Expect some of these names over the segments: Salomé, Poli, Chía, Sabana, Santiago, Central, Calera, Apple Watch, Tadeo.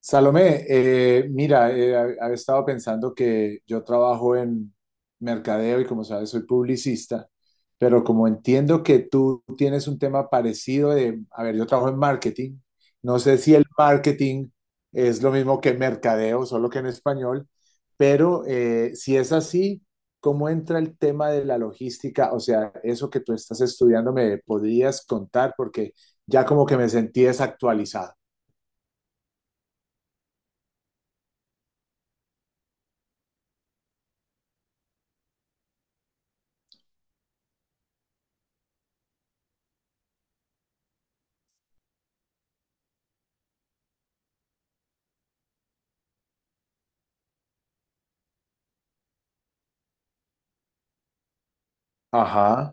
Salomé, mira, había estado pensando que yo trabajo en mercadeo y como sabes soy publicista, pero como entiendo que tú tienes un tema parecido de, a ver, yo trabajo en marketing, no sé si el marketing es lo mismo que mercadeo, solo que en español, pero si es así, ¿cómo entra el tema de la logística? O sea, eso que tú estás estudiando, ¿me podrías contar? Porque ya como que me sentí desactualizado. Ajá.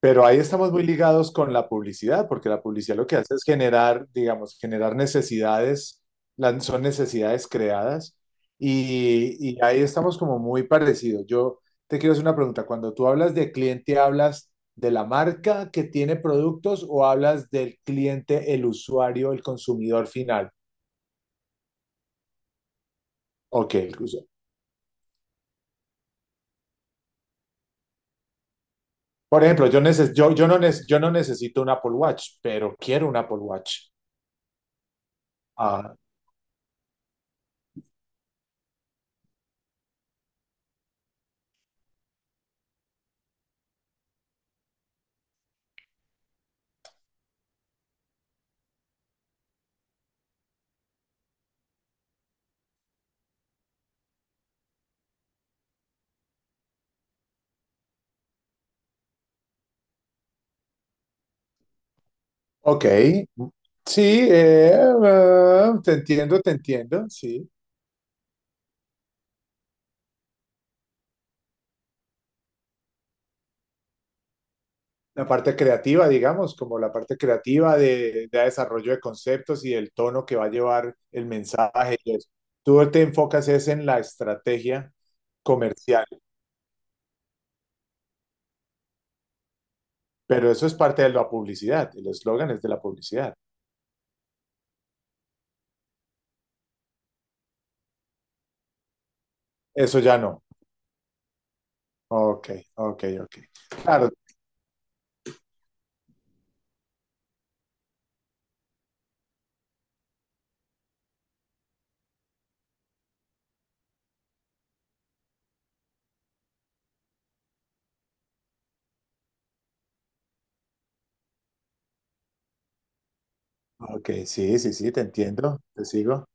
Pero ahí estamos muy ligados con la publicidad, porque la publicidad lo que hace es generar, digamos, generar necesidades, son necesidades creadas, y ahí estamos como muy parecidos. Yo te quiero hacer una pregunta, cuando tú hablas de cliente, ¿hablas de la marca que tiene productos o hablas del cliente, el usuario, el consumidor final? Ok, el usuario. Por ejemplo, yo, neces- yo, no, yo no necesito un Apple Watch, pero quiero un Apple Watch. Ah, ok. Sí, ah, te entiendo, sí. La parte creativa, digamos, como la parte creativa de desarrollo de conceptos y el tono que va a llevar el mensaje y eso. Tú te enfocas es en la estrategia comercial, pero eso es parte de la publicidad, el eslogan es de la publicidad. Eso ya no. Ok, ok, ok. Claro, ok, sí, sí, sí, te entiendo, te sigo.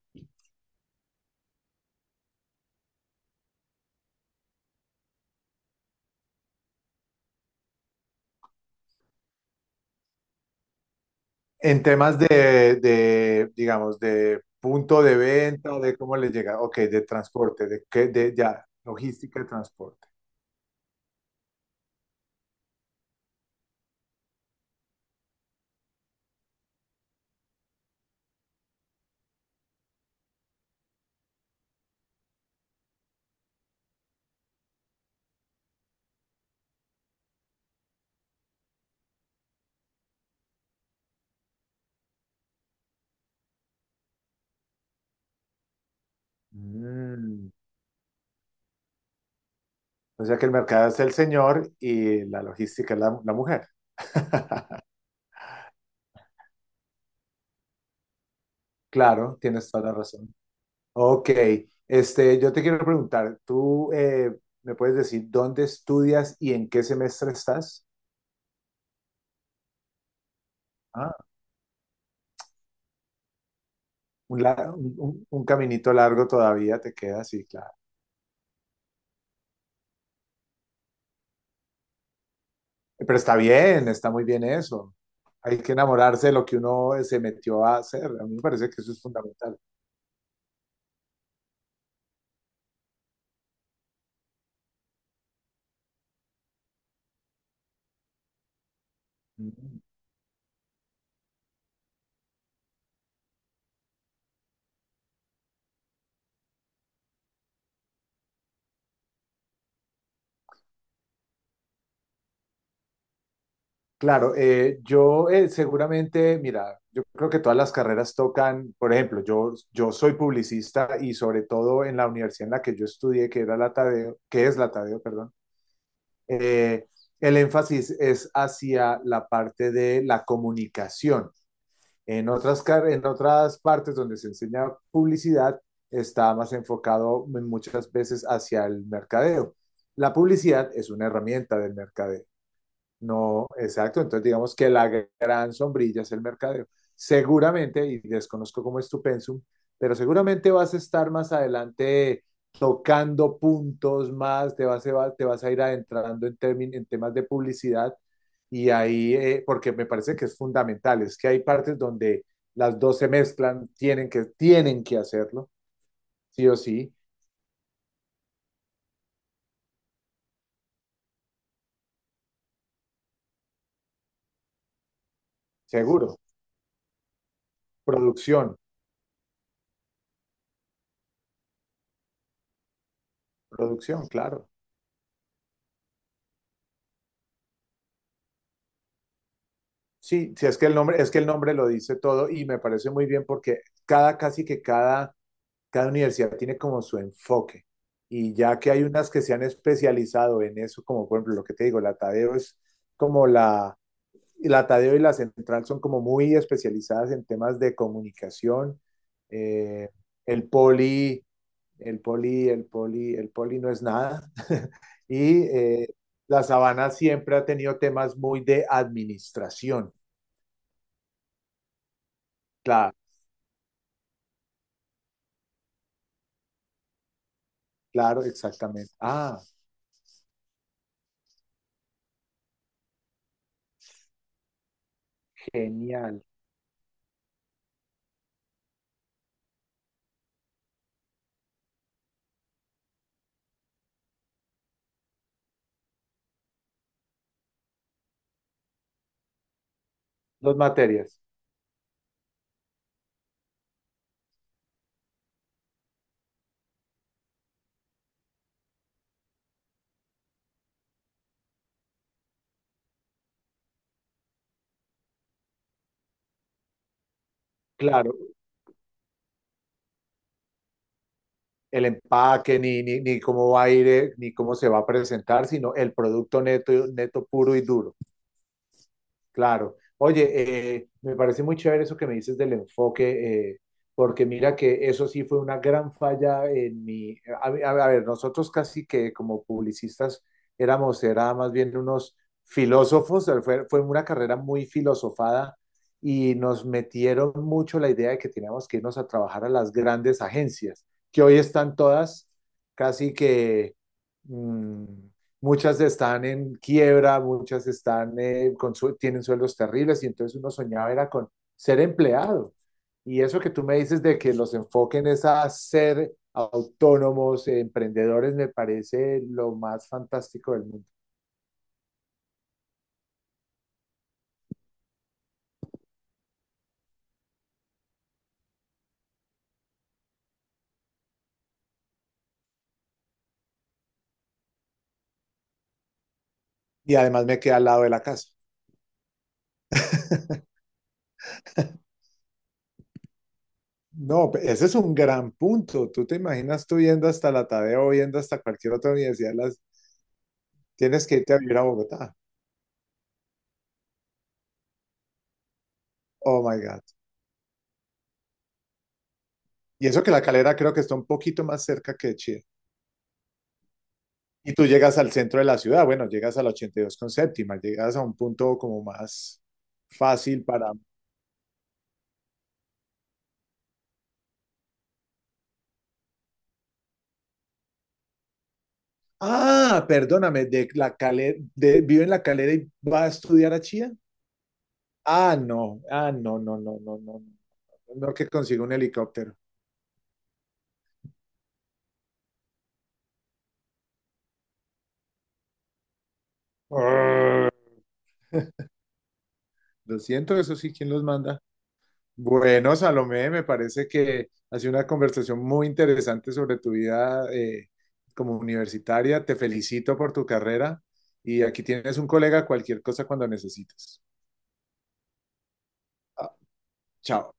En temas de, digamos, de punto de venta, de cómo les llega, ok, de transporte, de qué, de ya, logística de transporte. Mm. O sea que el mercado es el señor y la logística es la, la mujer. Claro, tienes toda la razón. Ok, este, yo te quiero preguntar, ¿tú me puedes decir dónde estudias y en qué semestre estás? Ah, un, la- un caminito largo todavía te queda, sí, claro. Pero está bien, está muy bien eso. Hay que enamorarse de lo que uno se metió a hacer. A mí me parece que eso es fundamental. Mm. Claro, yo seguramente, mira, yo creo que todas las carreras tocan, por ejemplo, yo soy publicista y sobre todo en la universidad en la que yo estudié, que era la Tadeo, que es la Tadeo, perdón, eh, el énfasis es hacia la parte de la comunicación. En en otras partes donde se enseña publicidad, está más enfocado en muchas veces hacia el mercadeo. La publicidad es una herramienta del mercadeo. No, exacto. Entonces, digamos que la gran sombrilla es el mercadeo. Seguramente, y desconozco cómo es tu pensum, pero seguramente vas a estar más adelante tocando puntos más, te vas a ir adentrando en, en temas de publicidad y ahí, porque me parece que es fundamental, es que hay partes donde las dos se mezclan, tienen que hacerlo, sí o sí, seguro. Producción, producción, claro. Sí, sí, es que el nombre, es que el nombre lo dice todo y me parece muy bien porque cada, casi que cada, cada universidad tiene como su enfoque. Y ya que hay unas que se han especializado en eso, como por ejemplo lo que te digo, la Tadeo es como la Tadeo y la Central son como muy especializadas en temas de comunicación. Eh, el Poli, el Poli no es nada. Y la Sabana siempre ha tenido temas muy de administración. Claro, claro, exactamente. Ah, genial. Dos materias. Claro, el empaque, ni, ni, ni cómo va a ir, ni cómo se va a presentar, sino el producto neto, neto puro y duro. Claro. Oye, me parece muy chévere eso que me dices del enfoque, porque mira que eso sí fue una gran falla en mi... a ver, nosotros casi que como publicistas éramos, era más bien unos filósofos, fue una carrera muy filosofada y nos metieron mucho la idea de que teníamos que irnos a trabajar a las grandes agencias, que hoy están todas casi que... mm, muchas están en quiebra, muchas están, tienen sueldos terribles y entonces uno soñaba era con ser empleado. Y eso que tú me dices de que los enfoquen es a ser autónomos, emprendedores, me parece lo más fantástico del mundo. Y además me queda al lado de la casa. No, ese es un gran punto. Tú te imaginas tú yendo hasta la Tadeo, yendo hasta cualquier otra universidad, las, tienes que irte a vivir a Bogotá. Oh my God. Y eso que la Calera creo que está un poquito más cerca que Chía. Y tú llegas al centro de la ciudad, bueno, llegas a la 82 con séptima, llegas a un punto como más fácil para... Ah, perdóname, de la calera, vive en la calera y va a estudiar a Chía. Ah, no, ah, no, no, no, no, no, no, no que consiga un helicóptero. Ah. Lo siento, eso sí, ¿quién los manda? Bueno, Salomé, me parece que ha sido una conversación muy interesante sobre tu vida como universitaria. Te felicito por tu carrera y aquí tienes un colega cualquier cosa cuando necesites. Ah. Chao.